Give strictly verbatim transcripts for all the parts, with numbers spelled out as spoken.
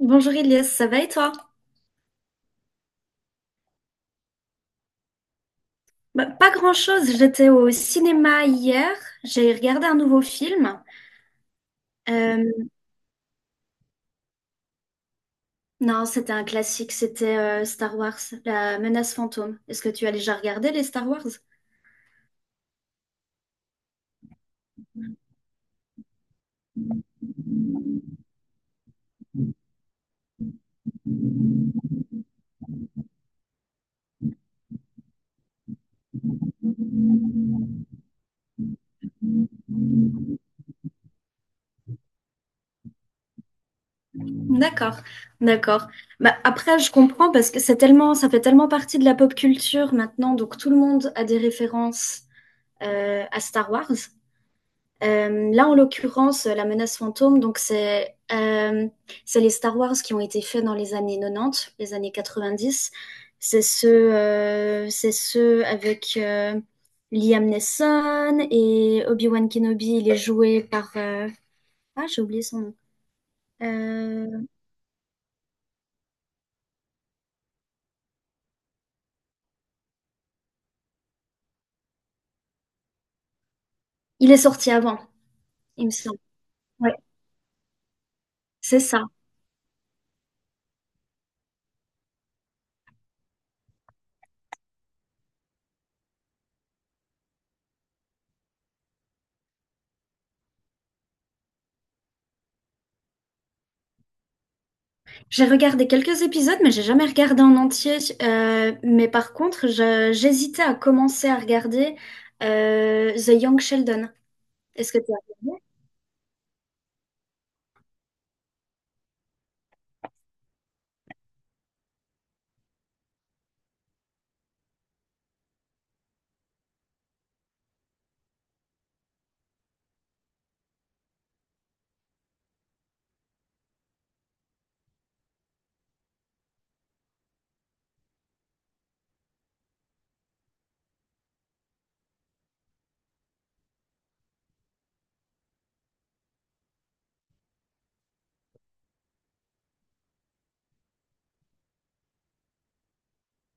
Bonjour Elias, ça va et toi? Bah, pas grand-chose, j'étais au cinéma hier, j'ai regardé un nouveau film. Euh, non, c'était un classique, c'était euh, Star Wars, La menace fantôme. Est-ce que tu as déjà regardé les Star Wars? D'accord, d'accord. Bah, après, je comprends parce que c'est tellement, ça fait tellement partie de la pop culture maintenant, donc tout le monde a des références euh, à Star Wars. Euh, là, en l'occurrence, euh, la menace fantôme, donc c'est euh, c'est les Star Wars qui ont été faits dans les années quatre-vingt-dix, les années quatre-vingt-dix. C'est ceux, euh, c'est ceux avec euh, Liam Neeson et Obi-Wan Kenobi. Il est joué par, euh, ah, j'ai oublié son nom. Euh, Il est sorti avant, il me semble. Ouais, c'est ça. J'ai regardé quelques épisodes, mais j'ai jamais regardé en entier. Euh, mais par contre, je- j'hésitais à commencer à regarder euh, The Young Sheldon. Est-ce que tu as regardé?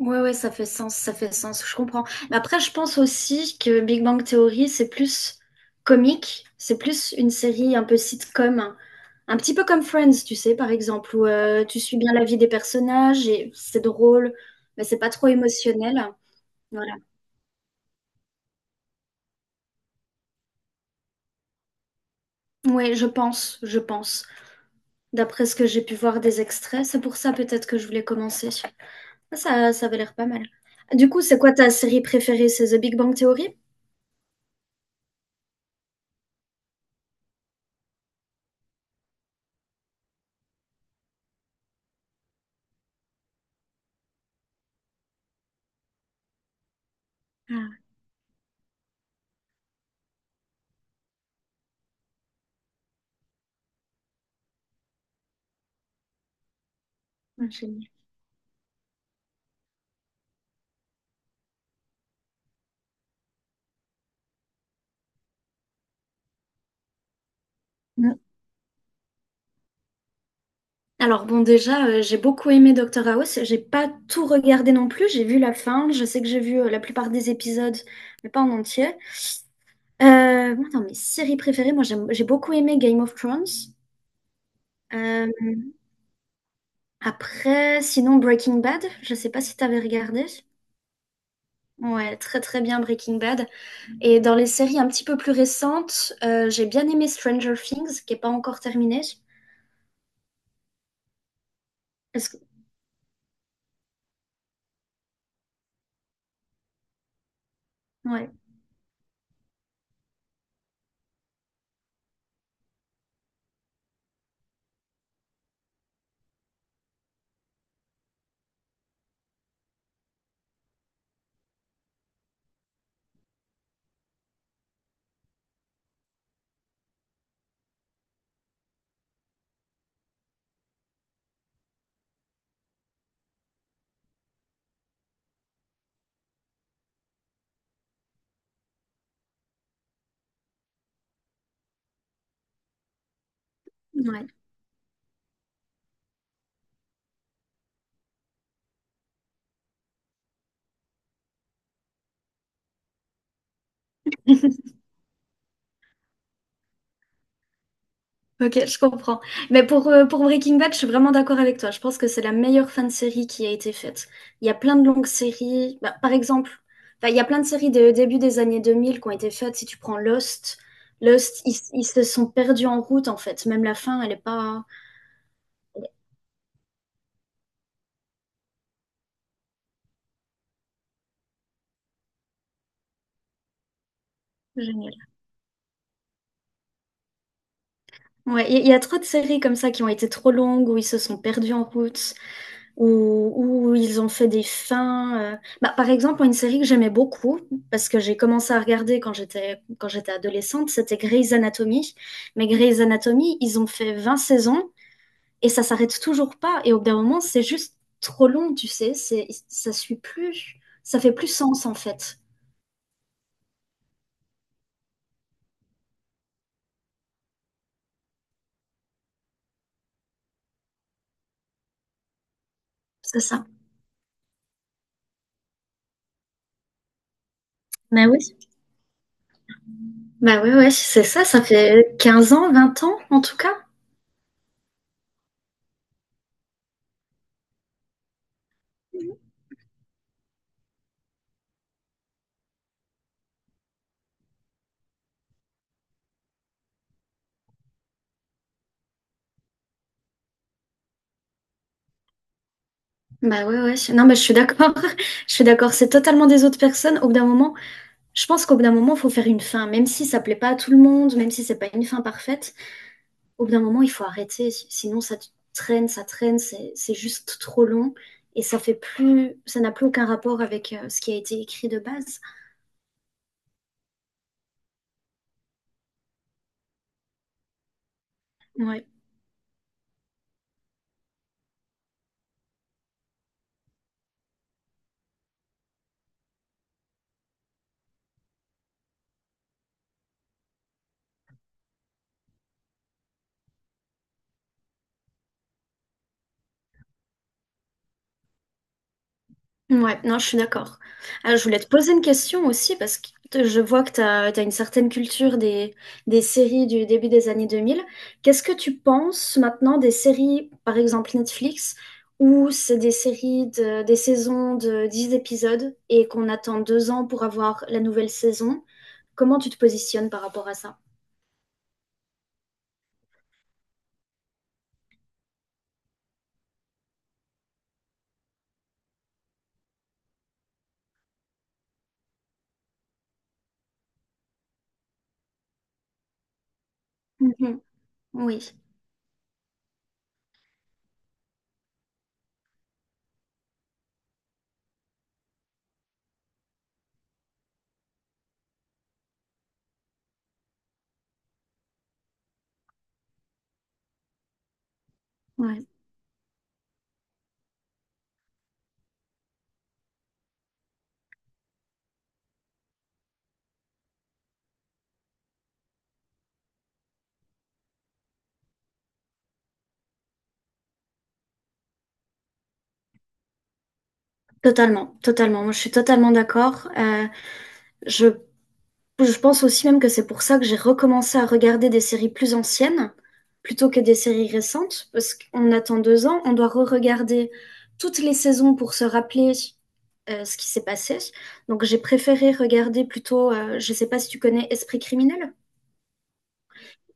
Ouais, ouais, ça fait sens, ça fait sens, je comprends. Mais après, je pense aussi que Big Bang Theory, c'est plus comique, c'est plus une série un peu sitcom, un petit peu comme Friends, tu sais, par exemple, où euh, tu suis bien la vie des personnages et c'est drôle, mais c'est pas trop émotionnel. Voilà. Ouais, je pense, je pense. D'après ce que j'ai pu voir des extraits, c'est pour ça peut-être que je voulais commencer. Ça, ça avait l'air pas mal. Du coup, c'est quoi ta série préférée? C'est The Big Bang Theory? Ah, génial. Mm. Alors bon, déjà, euh, j'ai beaucoup aimé Doctor House. J'ai pas tout regardé non plus. J'ai vu la fin. Je sais que j'ai vu euh, la plupart des épisodes, mais pas en entier. Euh, moi, dans mes séries préférées, moi, j'aime- j'ai beaucoup aimé Game of Thrones. Euh, Après, sinon Breaking Bad. Je sais pas si t'avais regardé. Ouais, très très bien Breaking Bad. Et dans les séries un petit peu plus récentes, euh, j'ai bien aimé Stranger Things, qui n'est pas encore terminée. Est-ce que... Ouais, ouais. Ok, je comprends. Mais pour, euh, pour Breaking Bad, je suis vraiment d'accord avec toi. Je pense que c'est la meilleure fin de série qui a été faite. Il y a plein de longues séries. Bah, par exemple, bah, il y a plein de séries de début des années deux mille qui ont été faites. Si tu prends Lost, Lost, ils, ils se sont perdus en route, en fait. Même la fin, elle n'est pas géniale. Ouais, il y, il y a trop de séries comme ça qui ont été trop longues, où ils se sont perdus en route. où, où ils ont fait des fins. euh. Bah, par exemple, une série que j'aimais beaucoup, parce que j'ai commencé à regarder quand j'étais quand j'étais adolescente, c'était Grey's Anatomy. Mais Grey's Anatomy, ils ont fait vingt saisons et ça s'arrête toujours pas. Et au bout d'un moment, c'est juste trop long, tu sais. C'est, ça suit plus. Ça fait plus sens, en fait. C'est ça. Bah oui. Bah oui, ouais, c'est ça. Ça fait quinze ans, vingt ans, en tout cas. Bah ouais, ouais. Non, mais je suis d'accord. Je suis d'accord. C'est totalement des autres personnes. Au bout d'un moment, je pense qu'au bout d'un moment, il faut faire une fin, même si ça plaît pas à tout le monde, même si c'est pas une fin parfaite. Au bout d'un moment, il faut arrêter. Si, Sinon ça traîne, ça traîne, c'est c'est juste trop long et ça fait plus, ça n'a plus aucun rapport avec euh, ce qui a été écrit de base. Ouais. Ouais, non, je suis d'accord. Ah, je voulais te poser une question aussi parce que te- je vois que tu as une certaine culture des, des séries du début des années deux mille. Qu'est-ce que tu penses maintenant des séries, par exemple Netflix, où c'est des séries, de, des saisons de dix épisodes et qu'on attend deux ans pour avoir la nouvelle saison? Comment tu te positionnes par rapport à ça? Mhm. Oui, ouais. Totalement, totalement. Moi, je suis totalement d'accord. Euh, je Je pense aussi même que c'est pour ça que j'ai recommencé à regarder des séries plus anciennes plutôt que des séries récentes, parce qu'on attend deux ans, on doit re-regarder toutes les saisons pour se rappeler euh, ce qui s'est passé. Donc j'ai préféré regarder plutôt, euh, je ne sais pas si tu connais Esprit criminel.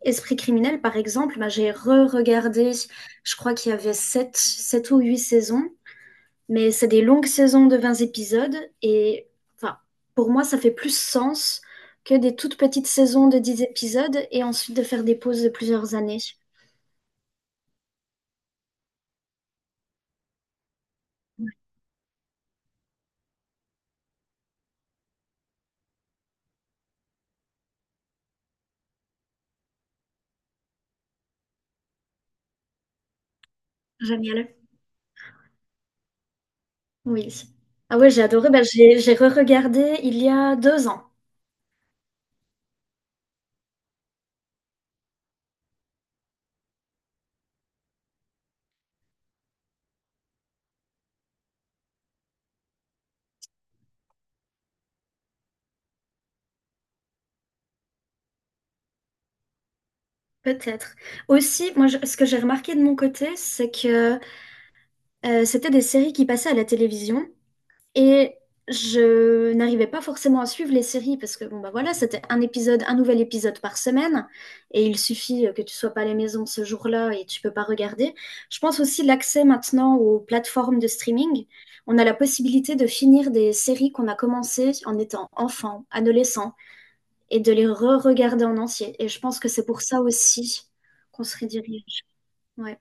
Esprit criminel, par exemple, bah, j'ai re-regardé, je crois qu'il y avait sept, sept ou huit saisons. Mais c'est des longues saisons de vingt épisodes et enfin, pour moi, ça fait plus sens que des toutes petites saisons de dix épisodes et ensuite de faire des pauses de plusieurs années. Génial. Oui. Ah ouais, j'ai adoré. Bah, j'ai, j'ai re-regardé il y a deux ans, peut-être. Aussi, moi, je- ce que j'ai remarqué de mon côté, c'est que euh, c'était des séries qui passaient à la télévision, et je n'arrivais pas forcément à suivre les séries parce que bon bah voilà, c'était un épisode, un nouvel épisode par semaine et il suffit euh, que tu sois pas à la maison ce jour-là et tu peux pas regarder. Je pense aussi l'accès maintenant aux plateformes de streaming. On a la possibilité de finir des séries qu'on a commencées en étant enfant, adolescent et de les re-regarder en entier. Et je pense que c'est pour ça aussi qu'on se redirige. Ouais,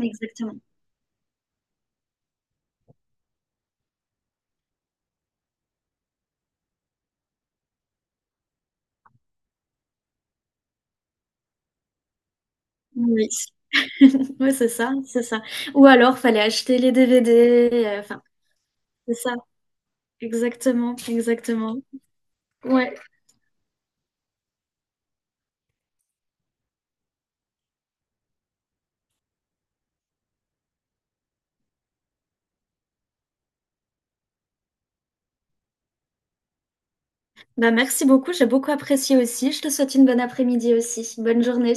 exactement. Oui. Ouais, c'est ça, c'est ça. Ou alors, fallait acheter les D V D. euh, Enfin, c'est ça, exactement, exactement. Ouais. Bah, merci beaucoup, j'ai beaucoup apprécié aussi. Je te souhaite une bonne après-midi aussi. Bonne journée.